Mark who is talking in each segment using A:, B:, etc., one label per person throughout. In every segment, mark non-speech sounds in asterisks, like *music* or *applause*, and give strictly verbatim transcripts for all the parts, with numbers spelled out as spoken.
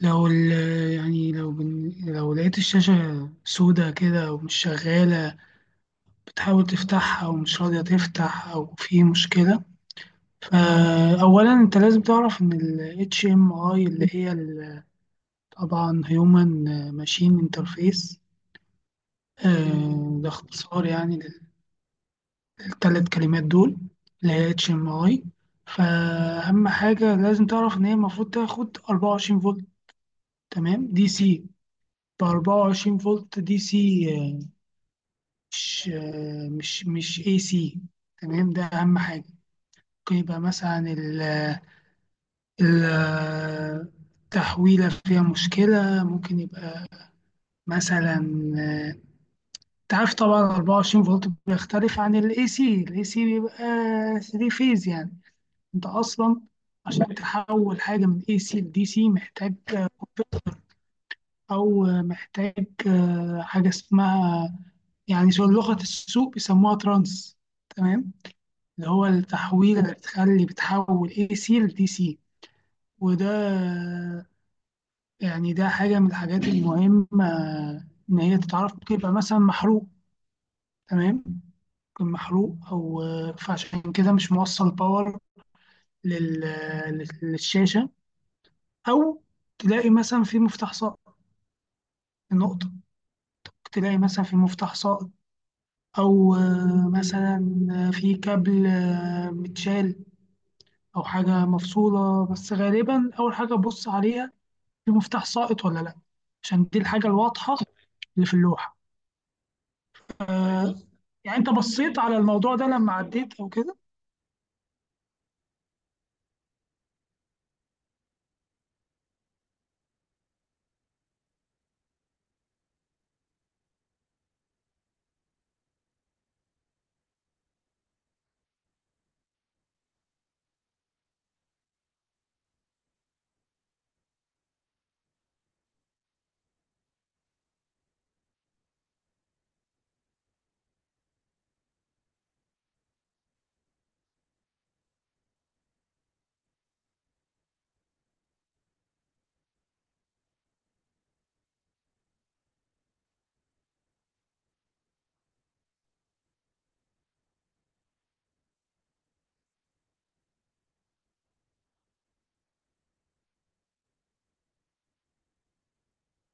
A: لو ال يعني لو بن لو لقيت الشاشة سودة كده ومش شغالة، بتحاول تفتحها ومش راضية تفتح أو في مشكلة. فأولا أنت لازم تعرف إن ال إتش إم آي اللي هي ال- طبعا Human Machine Interface، آه، ده اختصار يعني للثلاث كلمات دول اللي هي إتش إم آي. فأهم حاجة لازم تعرف إن هي المفروض تاخد أربعة وعشرين فولت، تمام؟ دي سي، ب أربعة وعشرين فولت دي سي، مش مش مش اي سي. تمام، ده اهم حاجه. ممكن يبقى مثلا ال ال التحويله فيها مشكله، ممكن يبقى مثلا، انت عارف طبعا أربعة وعشرين فولت بيختلف عن الاي سي، الاي سي بيبقى تلاتة فيز يعني. انت اصلا عشان تحول حاجه من اي سي لدي سي محتاج كونفرتر، او محتاج حاجه اسمها، يعني شو لغه السوق بيسموها ترانس، تمام؟ اللي هو التحويل اللي بتخلي، بتحول اي سي لدي سي. وده يعني ده حاجة من الحاجات المهمة، إن هي تتعرف، بيبقى مثلا محروق، تمام؟ يكون محروق، أو فعشان كده مش موصل باور لل- للشاشة، أو تلاقي مثلا في مفتاح ساقط. نقطة، تلاقي مثلا في مفتاح ساقط، أو مثلا في كابل متشال أو حاجة مفصولة. بس غالبا أول حاجة أبص عليها في مفتاح ساقط ولا لا، عشان دي الحاجة الواضحة اللي في اللوحة. يعني انت بصيت على الموضوع ده لما عديت او كده؟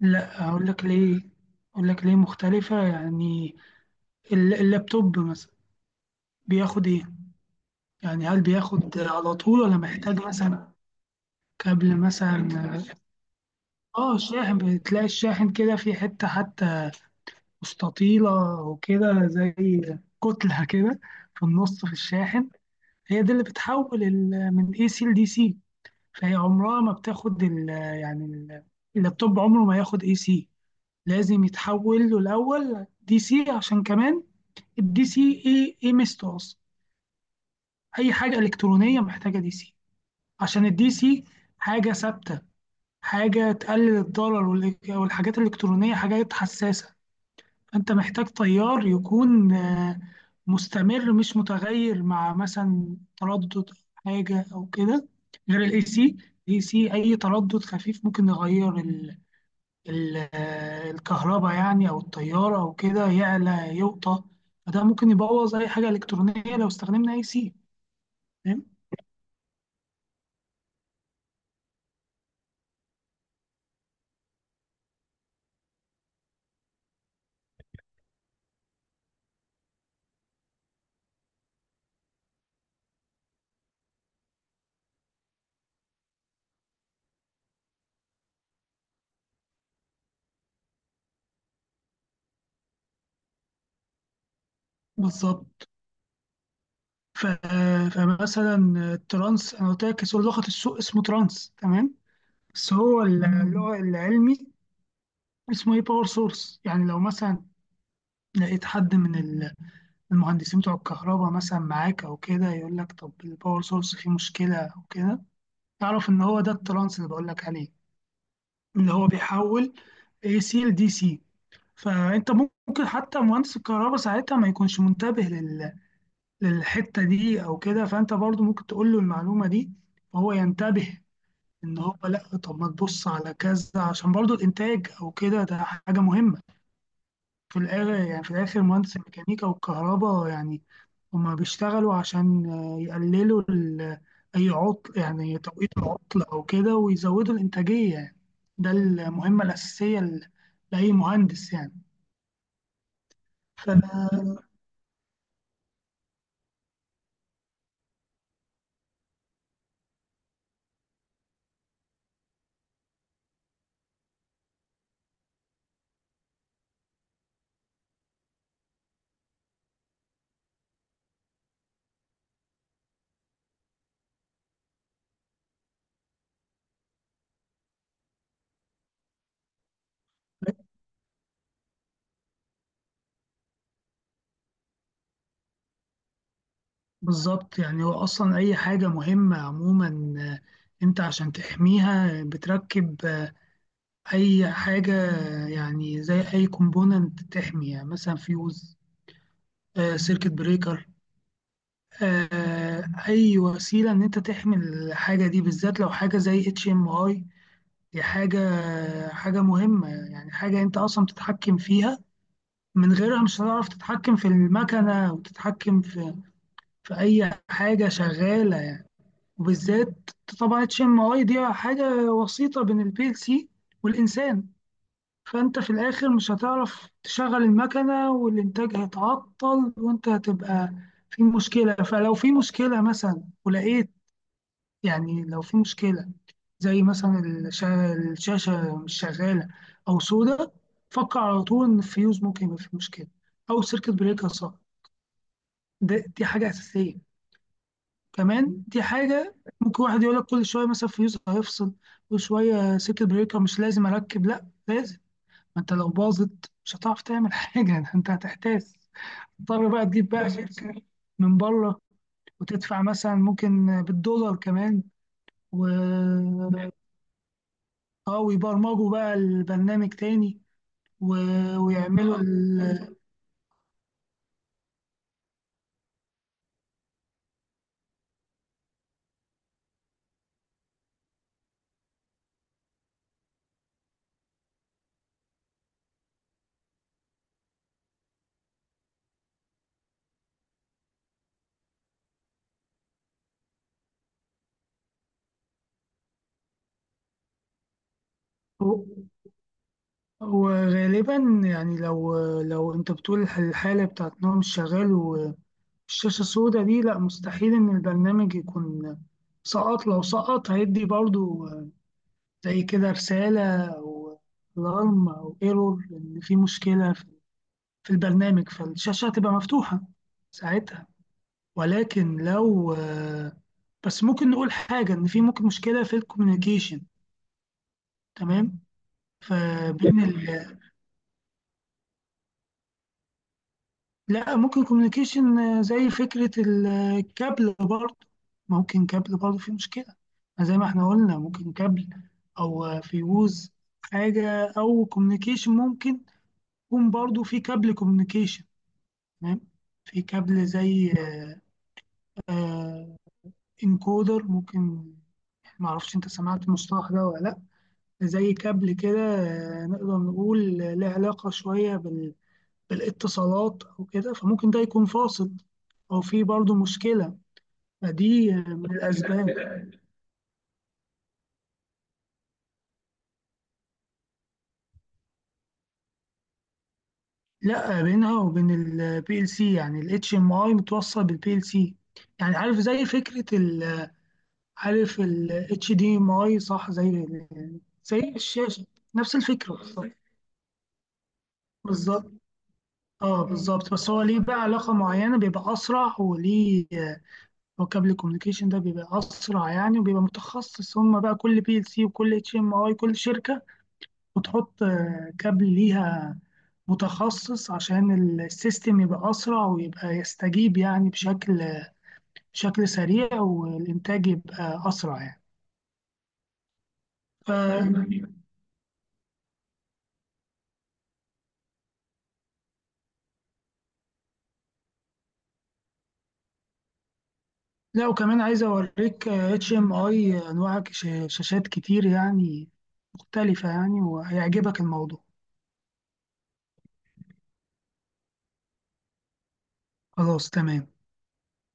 A: لا اقول لك ليه، اقول لك ليه مختلفة يعني. ال- اللابتوب مثلا بياخد ايه؟ يعني هل بياخد على طول ولا محتاج مثلا كابل مثلا؟ اه الشاحن، بتلاقي الشاحن كده في حتة حتى مستطيلة وكده، زي كتلة كده في النص في الشاحن. هي دي اللي بتحول ال- من اي سي لدي سي. هي عمرها ما بتاخد ال، يعني ال- اللابتوب عمره ما ياخد اي سي، لازم يتحول له الاول دي سي. عشان كمان الدي سي ايه ايه ميزته اصلا؟ اي حاجه الكترونيه محتاجه دي سي، عشان الدي سي حاجه ثابته، حاجه تقلل الضرر، والإك- والحاجات الالكترونيه حاجات حساسه. فأنت محتاج طيار يكون آه، مستمر، مش متغير مع مثلا تردد أو حاجة أو كده، غير الاي سي. الاي سي أي تردد خفيف ممكن يغير ال- ال- آه، الكهرباء يعني، أو الطيارة أو كده، يعلى يوطى. فده ممكن يبوظ أي حاجة إلكترونية لو استخدمنا اي سي. فاهم؟ بالظبط. ف- فمثلا الترانس أنا قلت لك اسم- لغة السوق اسمه ترانس، تمام؟ بس هو ال- اللغة العلمي اسمه ايه، باور سورس. يعني لو مثلا لقيت حد من ال- المهندسين بتوع الكهرباء مثلا معاك او كده يقول لك، طب الباور سورس فيه مشكله او كده، تعرف ان هو ده الترانس اللي بقول لك عليه، اللي هو بيحول اي سي لدي سي. فانت ممكن حتى مهندس الكهرباء ساعتها ما يكونش منتبه لل... للحته دي او كده، فانت برضو ممكن تقول له المعلومه دي وهو ينتبه، ان هو لا طب ما تبص على كذا، عشان برضو الانتاج او كده ده حاجه مهمه. في الآخر يعني في الآخر مهندس الميكانيكا والكهرباء يعني هما بيشتغلوا عشان آه، يقللوا ال- أي عطل، يعني توقيت العطل أو كده، ويزودوا الإنتاجية يعني. ده المهمة الأساسية ل- لأي مهندس يعني. فبالظبط، يعني هو أصلا أي حاجة مهمة عموما، آه، أنت عشان تحميها بتركب آه، أي حاجة، يعني زي أي كومبوننت تحمي، يعني مثلا فيوز، سيركت بريكر، آه، اي وسيله ان انت تحمي الحاجه دي. بالذات لو حاجه زي اتش ام اي، دي حاجه حاجه مهمه يعني، حاجه انت اصلا بتتحكم فيها. من غيرها مش هتعرف تتحكم في المكنه وتتحكم في في اي حاجه شغاله يعني. وبالذات طبعا اتش ام اي دي حاجه وسيطه بين البي ال سي والانسان. فانت في الاخر مش هتعرف تشغل المكنه، والانتاج هيتعطل، وانت هتبقى في مشكله. فلو في مشكله مثلا ولقيت، يعني لو في مشكلة زي مثلا الشا- الشاشة مش شغالة أو سودة، فكر على طول إن الفيوز ممكن يبقى فيه مشكلة، أو السيركت بريكر، صح؟ ده دي حاجة أساسية. كمان دي حاجة، ممكن واحد يقول لك، كل شوية مثلا فيوز هيفصل، كل شوية سيركت بريكر، مش لازم أركب. لأ لازم، ما أنت لو باظت مش هتعرف تعمل حاجة. *laughs* ده أنت هتحتاس، تضطر بقى تجيب بقى شركة من بره، وتدفع مثلا ممكن بالدولار كمان، و اه، ويبرمجوا بقى البرنامج تاني، و... ويعملوا ال... و- وغالبا يعني لو لو انت بتقول الح- الحالة بتاعت ان هو مش شغال والشاشة السوداء دي، لا مستحيل ان البرنامج يكون سقط. لو سقط هيدي برضو زي كده رسالة او الارم او ايرور، ان في مشكلة في في البرنامج، فالشاشة هتبقى مفتوحة ساعتها. ولكن لو آه، بس ممكن نقول حاجة، إن في ممكن مشكلة في الكوميونيكيشن، تمام؟ فبين ال... لا، ممكن كوميونيكيشن، زي فكرة الكابل برضه، ممكن كابل برضه في مشكلة. زي ما احنا قلنا، ممكن كابل، أو آه، فيوز حاجة، أو كوميونيكيشن. ممكن يكون برضه في كابل كوميونيكيشن، تمام؟ في كابل زي انكودر ممكن، معرفش انت سمعت المصطلح ده ولا لا، زي كابل كده آه، نقدر نقول آه، له علاقة شوية بال... بالاتصالات أو كده، فممكن ده يكون فاصل أو في برضه مشكلة. فدي آه، من الأسباب. لا، بينها وبين البي ال سي، يعني ال H D M I متوصل بالبي ال سي. يعني عارف زي فكرة ال... عارف ال H D M I صح؟ زي ال... زي الشاشة. نفس الفكرة بالظبط، بالظبط. اه بالظبط، بس هو ليه بقى علاقة معينة، بيبقى أسرع وليه. هو كابل الكوميونيكيشن ده بيبقى اسرع يعني، وبيبقى متخصص. هم بقى كل بي ال سي وكل اتش ام اي كل شركه بتحط آه، كابل ليها متخصص، عشان السيستم يبقى اسرع ويبقى يستجيب يعني بشكل بشكل سريع، والانتاج يبقى اسرع يعني. ف... لا وكمان عايز اوريك اتش ام اي، انواع ش- شاشات كتير يعني مختلفه يعني، وهيعجبك الموضوع. خلاص تمام.